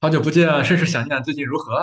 好久不见，甚是想念。最近如何？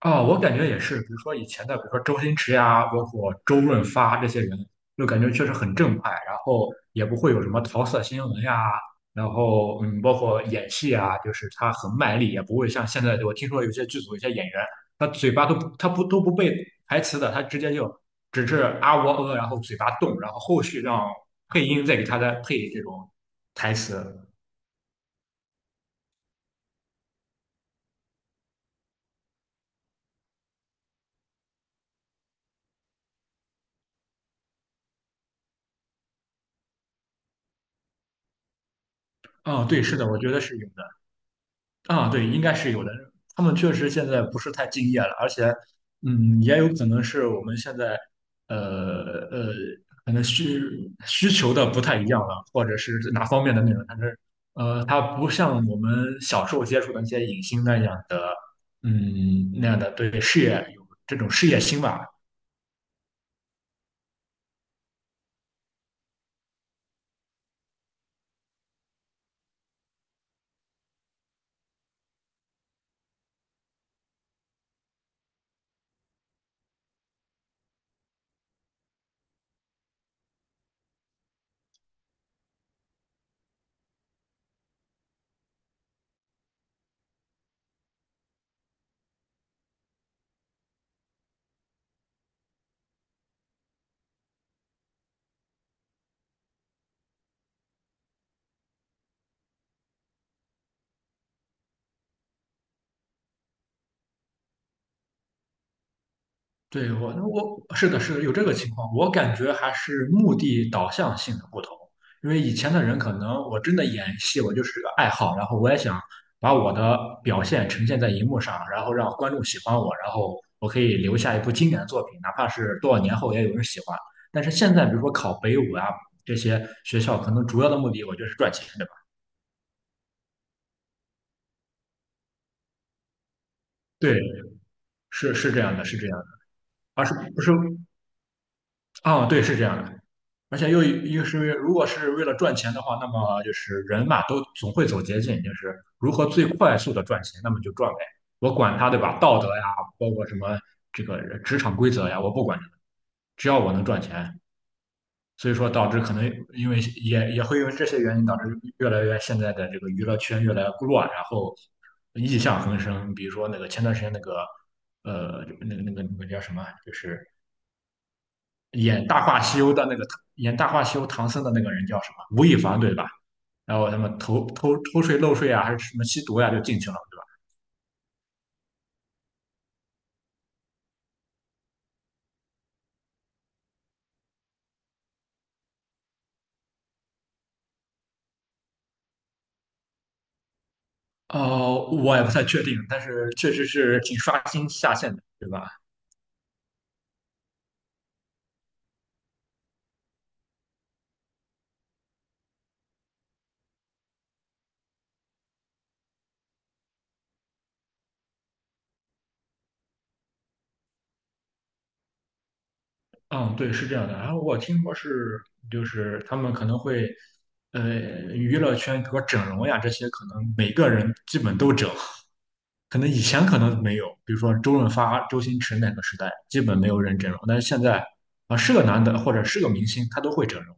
啊、我感觉也是，比如说以前的，比如说周星驰呀，包括周润发这些人，就感觉确实很正派，然后也不会有什么桃色新闻呀，然后包括演戏啊，就是他很卖力，也不会像现在我听说有些剧组有些演员，他嘴巴都不他不都不背台词的，他直接就只是啊喔呃，然后嘴巴动，然后后续让配音再给他再配这种台词。啊、对，是的，我觉得是有的。啊，对，应该是有的。他们确实现在不是太敬业了，而且，也有可能是我们现在，呃呃，可能需求的不太一样了，或者是哪方面的内容，但是，他不像我们小时候接触的那些影星那样的，那样的对事业有这种事业心吧。对，我是的，是的，有这个情况。我感觉还是目的导向性的不同，因为以前的人可能我真的演戏，我就是个爱好，然后我也想把我的表现呈现在荧幕上，然后让观众喜欢我，然后我可以留下一部经典的作品，哪怕是多少年后也有人喜欢。但是现在，比如说考北舞啊这些学校，可能主要的目的我觉得是赚钱，对吧？对，是是这样的，是这样的，而是不是哦，对，是这样的。而且又是因为如果是为了赚钱的话，那么就是人嘛，都总会走捷径，就是如何最快速的赚钱，那么就赚呗。我管他，对吧？道德呀，包括什么这个职场规则呀，我不管你只要我能赚钱。所以说，导致可能因为也会因为这些原因，导致越来越现在的这个娱乐圈越来越乱，然后异象横生。比如说那个前段时间那个那个叫什么，就是演《大话西游》的那个演《大话西游》唐僧的那个人叫什么？吴亦凡对吧？然后他们偷偷偷税漏税啊，还是什么吸毒呀、就进去了，对吧？哦，我也不太确定，但是确实是挺刷新下限的，对吧？嗯，对，是这样的。然后我听说是，就是他们可能会，呃，娱乐圈比如说整容呀这些，可能每个人基本都整。可能以前可能没有，比如说周润发、周星驰那个时代，基本没有人整容。但是现在啊，是个男的或者是个明星，他都会整容。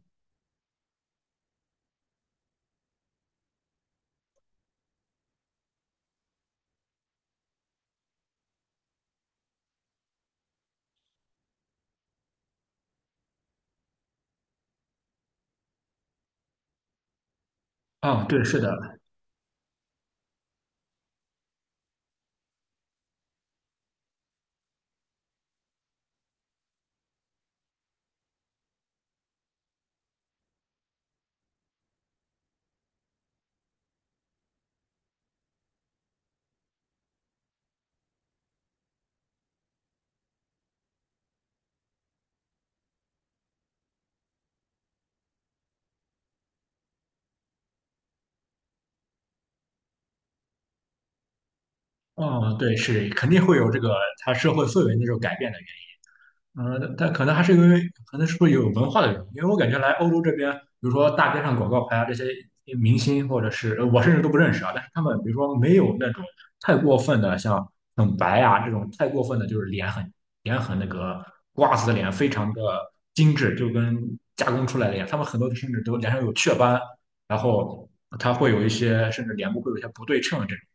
啊、对，是的，啊、对，是肯定会有这个他社会氛围那种改变的。但可能还是因为，可能是不是有文化的原因？因为我感觉来欧洲这边，比如说大街上广告牌啊，这些明星或者是我甚至都不认识啊，但是他们比如说没有那种太过分的，像很白啊这种太过分的，就是脸很那个瓜子脸，非常的精致，就跟加工出来的一样。他们很多甚至都脸上有雀斑，然后他会有一些甚至脸部会有一些不对称这种。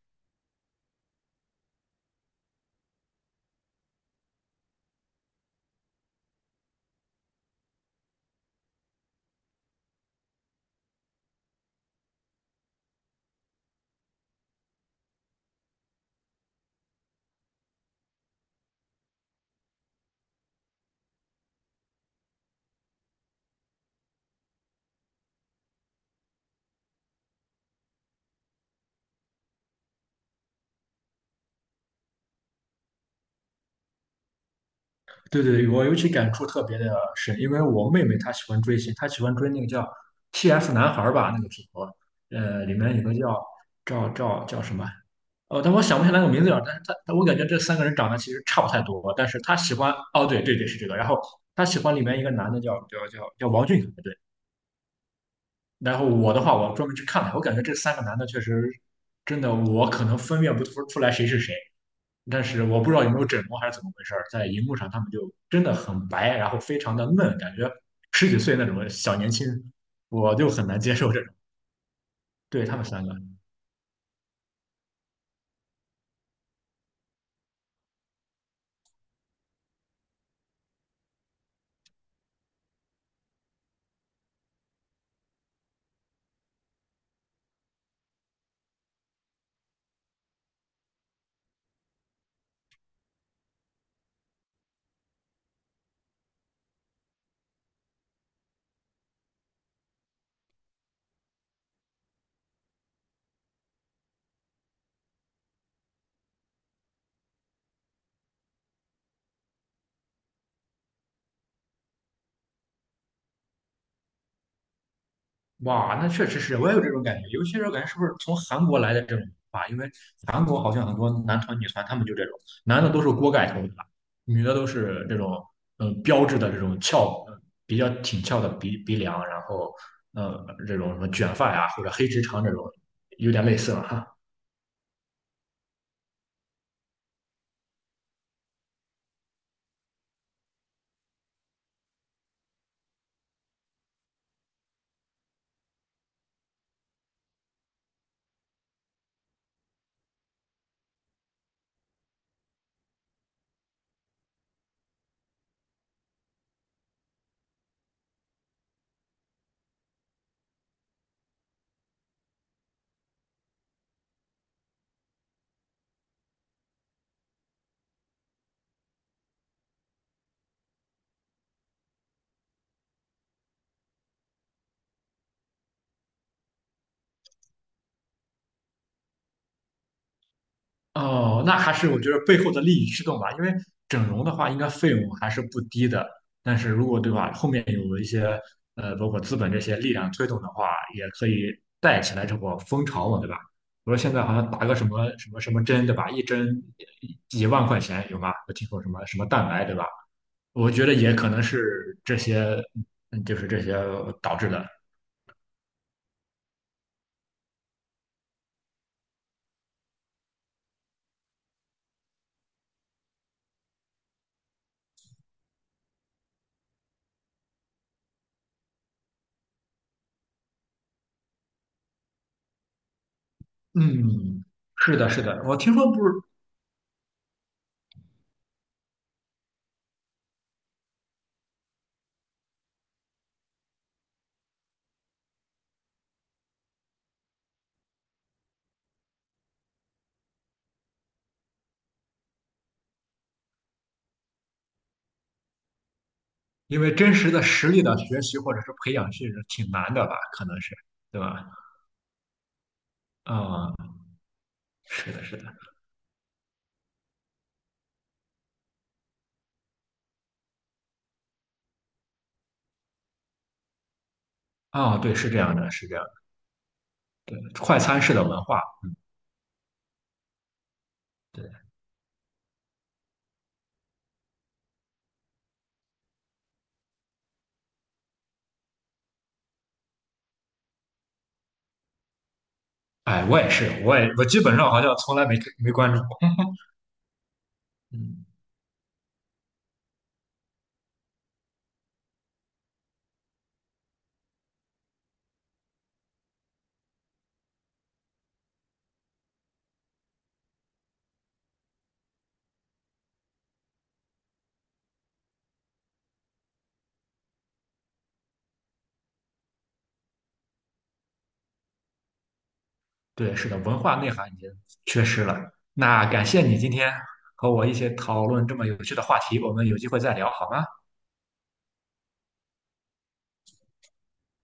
对对，我尤其感触特别的深，因为我妹妹她喜欢追星，她喜欢追那个叫 TF 男孩儿吧，那个组合，里面有个叫赵叫什么？哦，但我想不起来那个名字了。但是她，但我感觉这三个人长得其实差不太多，但是她喜欢，哦，对对对，是这个。然后她喜欢里面一个男的叫王俊凯，对。然后我的话，我专门去看了，我感觉这三个男的确实真的，我可能分辨不出来谁是谁，但是我不知道有没有整容还是怎么回事儿，在荧幕上他们就真的很白，然后非常的嫩，感觉十几岁那种小年轻，我就很难接受这种。对他们三个。哇，那确实是，我也有这种感觉。尤其是我感觉是不是从韩国来的这种文化。因为韩国好像很多男团、女团，他们就这种，男的都是锅盖头，对吧？女的都是这种，标志的这种翘，比较挺翘的鼻梁，然后，这种什么卷发呀、或者黑直长这种，有点类似了。哈。哦，那还是我觉得背后的利益驱动吧，因为整容的话，应该费用还是不低的。但是如果对吧，后面有一些包括资本这些力量推动的话，也可以带起来这波风潮嘛，对吧？我说现在好像打个什么什么什么针，对吧？一针几万块钱有吗？我听说什么什么蛋白，对吧？我觉得也可能是这些，就是这些导致的。嗯，是的，是的，我听说不是因为真实的实力的学习或者是培养是挺难的吧，可能是，对吧？啊、是的，是的，啊、对，是这样的，是这样的，对，快餐式的文化，对，哎，我也是，我也我基本上好像从来没关注过，嗯，对，是的，文化内涵已经缺失了。那感谢你今天和我一起讨论这么有趣的话题，我们有机会再聊好吗？